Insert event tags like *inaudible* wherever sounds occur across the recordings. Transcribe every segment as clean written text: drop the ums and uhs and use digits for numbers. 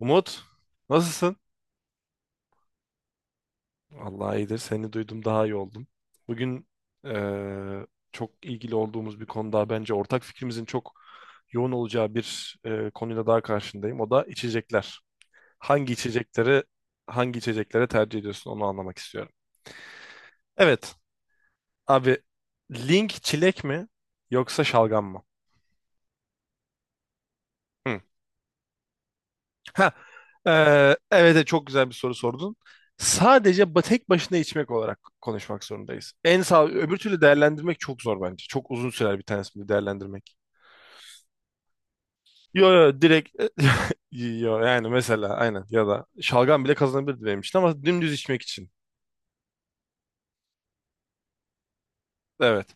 Umut, nasılsın? Allah iyidir. Seni duydum daha iyi oldum. Bugün eee, çok ilgili olduğumuz bir konuda bence ortak fikrimizin çok yoğun olacağı bir konuyla daha karşındayım. O da içecekler. Hangi içecekleri hangi içeceklere tercih ediyorsun onu anlamak istiyorum. Evet abi, Link çilek mi yoksa şalgam mı? Hı. Ha, evet evet, çok güzel bir soru sordun. Sadece tek başına içmek olarak konuşmak zorundayız. En sağ öbür türlü değerlendirmek çok zor bence. Çok uzun sürer bir tanesini değerlendirmek. Yo yo, direkt *laughs* yo, yani mesela aynen ya da şalgam bile kazanabilirdi benim için ama dümdüz içmek için. Evet.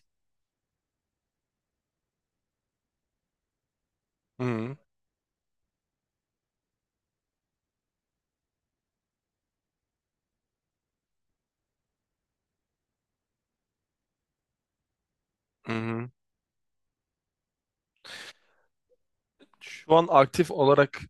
Hı hı. Hı hı. Şu an aktif olarak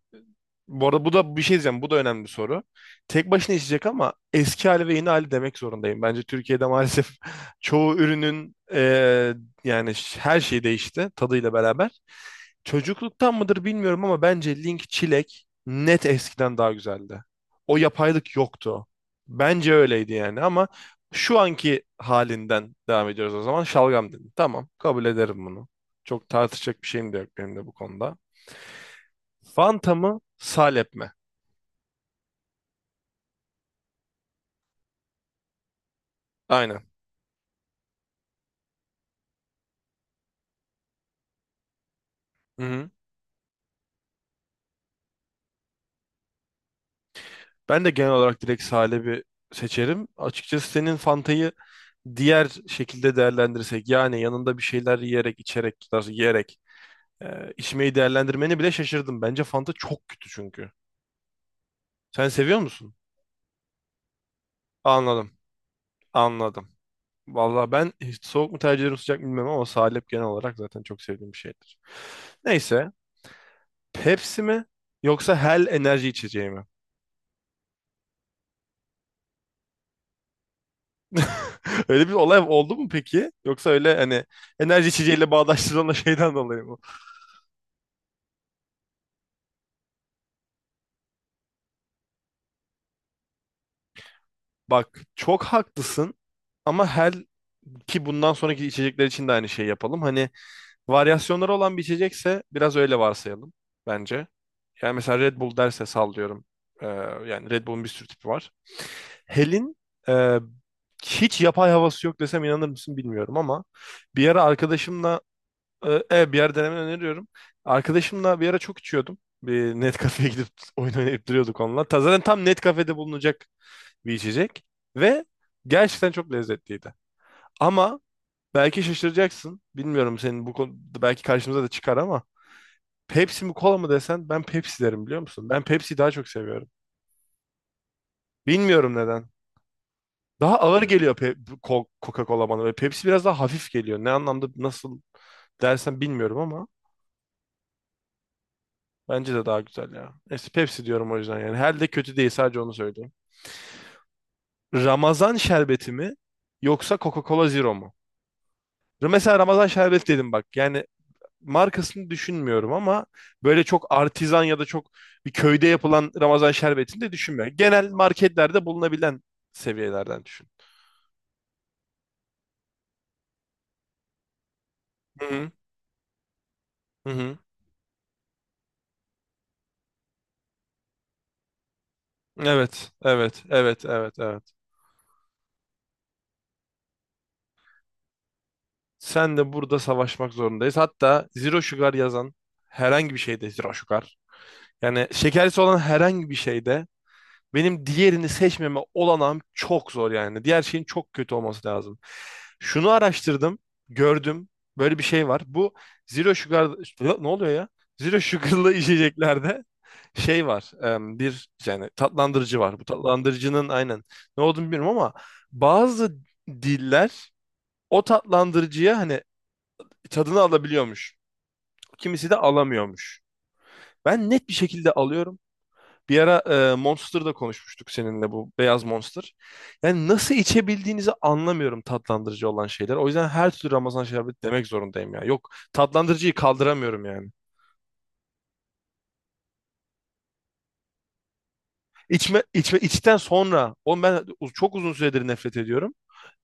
bu arada bu da bir şey diyeceğim. Bu da önemli bir soru. Tek başına içecek ama eski hali ve yeni hali demek zorundayım. Bence Türkiye'de maalesef *laughs* çoğu ürünün yani her şey değişti tadıyla beraber. Çocukluktan mıdır bilmiyorum ama bence Link Çilek net eskiden daha güzeldi. O yapaylık yoktu. Bence öyleydi yani ama şu anki halinden devam ediyoruz o zaman. Şalgam dedim. Tamam, kabul ederim bunu. Çok tartışacak bir şeyim de yok benim de bu konuda. Fanta mı? Salep mi? Aynen. Hı hı. Ben de genel olarak direkt Salep'i seçerim. Açıkçası senin Fanta'yı diğer şekilde değerlendirsek, yani yanında bir şeyler yiyerek, içerek, daha doğrusu yiyerek içmeyi değerlendirmeni bile şaşırdım. Bence Fanta çok kötü çünkü. Sen seviyor musun? Anladım. Anladım. Vallahi ben hiç soğuk mu tercih ederim sıcak mı bilmem ama Salep genel olarak zaten çok sevdiğim bir şeydir. Neyse. Pepsi mi yoksa Hell enerji içeceği mi? *laughs* Öyle bir olay oldu mu peki? Yoksa öyle hani enerji içeceğiyle bağdaştırılan o şeyden dolayı mı? Bak çok haklısın ama her ki bundan sonraki içecekler için de aynı şeyi yapalım. Hani varyasyonları olan bir içecekse biraz öyle varsayalım bence. Yani mesela Red Bull derse sallıyorum. Ee, yani Red Bull'un bir sürü tipi var. Hel'in e, hiç yapay havası yok desem inanır mısın bilmiyorum ama bir ara arkadaşımla evet, bir yer denemeni öneriyorum. Arkadaşımla bir ara çok içiyordum. Bir net kafeye gidip *laughs* oyun oynayıp duruyorduk onunla. Zaten tam net kafede bulunacak bir içecek. Ve gerçekten çok lezzetliydi. Ama belki şaşıracaksın. Bilmiyorum, senin bu konuda belki karşımıza da çıkar ama Pepsi mi kola mı desen ben Pepsi derim, biliyor musun? Ben Pepsi'yi daha çok seviyorum. Bilmiyorum neden. Daha ağır geliyor bu Coca-Cola bana ve Pepsi biraz daha hafif geliyor. Ne anlamda nasıl dersen bilmiyorum ama. Bence de daha güzel ya. Neyse Pepsi diyorum o yüzden yani. Her de kötü değil, sadece onu söyleyeyim. Ramazan şerbeti mi yoksa Coca-Cola Zero mu? Mesela Ramazan şerbeti dedim bak. Yani markasını düşünmüyorum ama böyle çok artizan ya da çok bir köyde yapılan Ramazan şerbetini de düşünmüyorum. Genel marketlerde bulunabilen seviyelerden düşün. Hı hı. Hı hı. Evet, evet, evet, evet, evet. Sen de burada savaşmak zorundayız. Hatta Zero Sugar yazan herhangi bir şeyde Zero Sugar, yani şekerlisi olan herhangi bir şeyde benim diğerini seçmeme olanağım çok zor yani. Diğer şeyin çok kötü olması lazım. Şunu araştırdım, gördüm. Böyle bir şey var. Bu zero sugar ne oluyor ya? Zero sugar'lı *laughs* içeceklerde şey var. Bir yani tatlandırıcı var. Bu tatlandırıcının aynen ne olduğunu bilmiyorum ama bazı diller o tatlandırıcıya hani tadını alabiliyormuş. Kimisi de alamıyormuş. Ben net bir şekilde alıyorum. Bir ara Monster'da konuşmuştuk seninle, bu beyaz Monster. Yani nasıl içebildiğinizi anlamıyorum tatlandırıcı olan şeyler. O yüzden her türlü Ramazan şerbeti demek zorundayım ya. Yok, tatlandırıcıyı kaldıramıyorum yani. İçme içten sonra o, ben çok uzun süredir nefret ediyorum.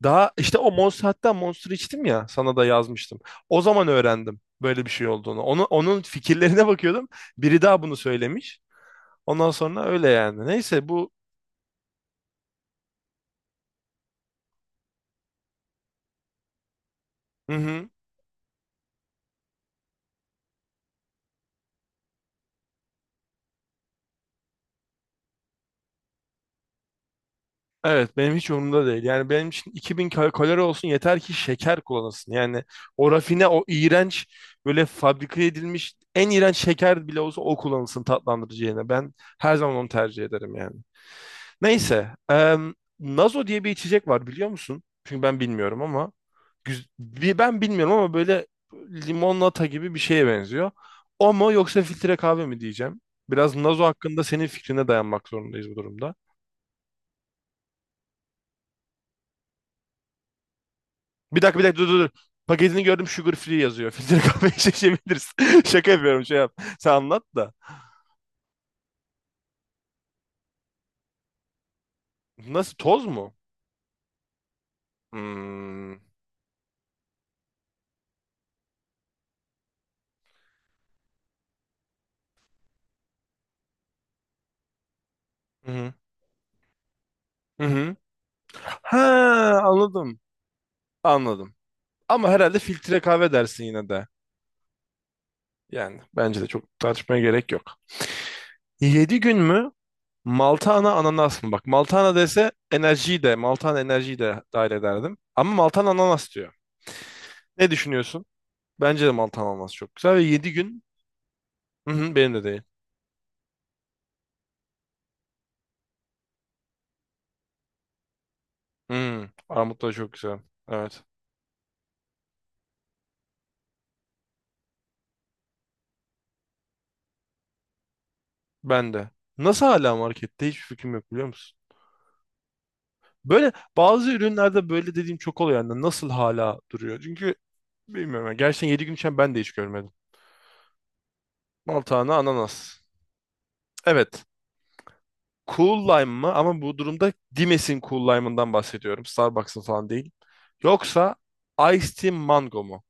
Daha işte o Monster, hatta Monster içtim ya, sana da yazmıştım. O zaman öğrendim böyle bir şey olduğunu. Onu, onun fikirlerine bakıyordum. Biri daha bunu söylemiş. Ondan sonra öyle yani. Neyse bu. Hı hı. Evet, benim hiç umurumda değil. Yani benim için 2000 kalori olsun yeter ki şeker kullanılsın. Yani o rafine, o iğrenç, böyle fabrika edilmiş en iğrenç şeker bile olsa o kullanılsın tatlandırıcı yerine. Ben her zaman onu tercih ederim yani. Neyse. Nazo diye bir içecek var, biliyor musun? Çünkü ben bilmiyorum ama. Ben bilmiyorum ama böyle limonata gibi bir şeye benziyor. O mu yoksa filtre kahve mi diyeceğim. Biraz Nazo hakkında senin fikrine dayanmak zorundayız bu durumda. Bir dakika bir dakika, dur dur dur. Paketini gördüm, sugar free yazıyor. *laughs* Filtre kahve şişebiliriz. *laughs* Şaka yapıyorum, şey yap. Sen anlat da. Nasıl, toz mu? Hmm. Hı hı. Hı hı. Ha, anladım. Anladım. Ama herhalde filtre kahve dersin yine de. Yani bence de çok tartışmaya gerek yok. 7 gün mü? Maltana ananas mı? Bak, Maltana dese enerjiyi de, Maltana enerjiyi de dahil ederdim. Ama Maltana ananas diyor. Ne düşünüyorsun? Bence de Maltana ananas çok güzel ve 7 gün. Hı hı, benim de değil. Hmm, armut da çok güzel. Evet. Ben de. Nasıl hala markette? Hiçbir fikrim yok, biliyor musun? Böyle bazı ürünlerde böyle dediğim çok oluyor. Yani nasıl hala duruyor? Çünkü bilmiyorum. Yani gerçekten 7 gün içinde ben de hiç görmedim. Maltana ananas. Evet. Cool lime mı? Ama bu durumda Dimes'in cool lime'ından bahsediyorum. Starbucks'ın falan değil. Yoksa ice Tea Mango mu?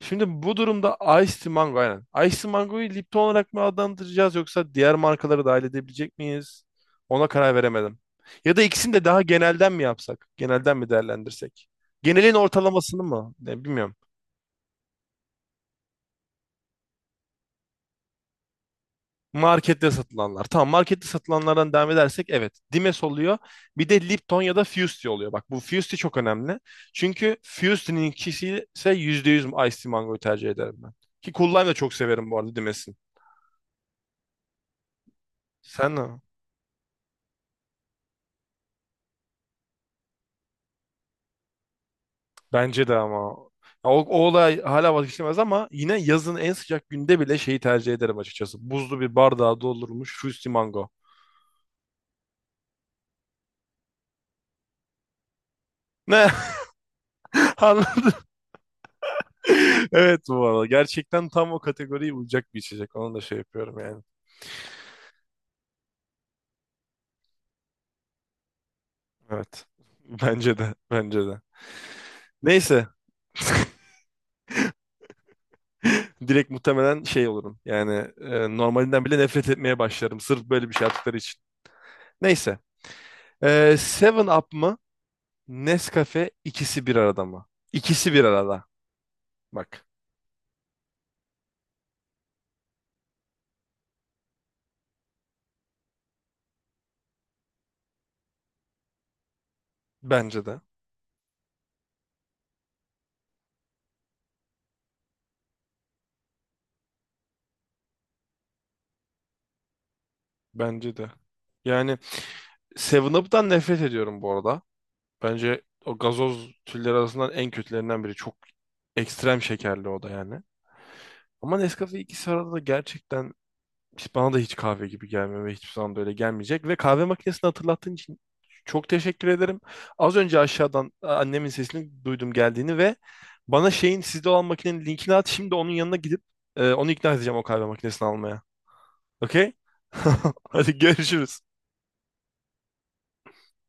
Şimdi bu durumda Ice Mango, aynen. Ice Mango'yu Lipton olarak mı adlandıracağız yoksa diğer markaları dahil edebilecek miyiz? Ona karar veremedim. Ya da ikisini de daha genelden mi yapsak? Genelden mi değerlendirsek? Genelin ortalamasını mı? Ne, bilmiyorum. Markette satılanlar. Tamam, markette satılanlardan devam edersek evet. Dimes oluyor. Bir de Lipton ya da Fusti oluyor. Bak, bu Fusti çok önemli. Çünkü Fusti'nin ikisi ise %100 Ice Mango'yu tercih ederim ben. Ki Cool Lime'ı da çok severim bu arada, Dimes'in. Sen ne? Bence de ama. Ya O olay hala vazgeçilmez ama yine yazın en sıcak günde bile şeyi tercih ederim açıkçası. Buzlu bir bardağa doldurulmuş Fruity Mango. Ne? *laughs* Anladın? Evet, bu arada. Gerçekten tam o kategoriye uyacak bir içecek. Onu da şey yapıyorum yani. Evet. *laughs* Bence de. Bence de. Neyse. *laughs* Direkt muhtemelen şey olurum. Yani normalinden bile nefret etmeye başlarım. Sırf böyle bir şey yaptıkları için. Neyse. 7-Up mı? Nescafe ikisi bir arada mı? İkisi bir arada. Bak. Bence de. Bence de. Yani 7-Up'tan nefret ediyorum bu arada. Bence o gazoz türleri arasından en kötülerinden biri. Çok ekstrem şekerli o da yani. Ama Nescafe ikisi arada da gerçekten, bana da hiç kahve gibi gelmiyor ve hiçbir zaman böyle gelmeyecek. Ve kahve makinesini hatırlattığın için çok teşekkür ederim. Az önce aşağıdan annemin sesini duydum geldiğini ve bana şeyin sizde olan makinenin linkini at. Şimdi onun yanına gidip onu ikna edeceğim o kahve makinesini almaya. Okey? *laughs* Hadi görüşürüz.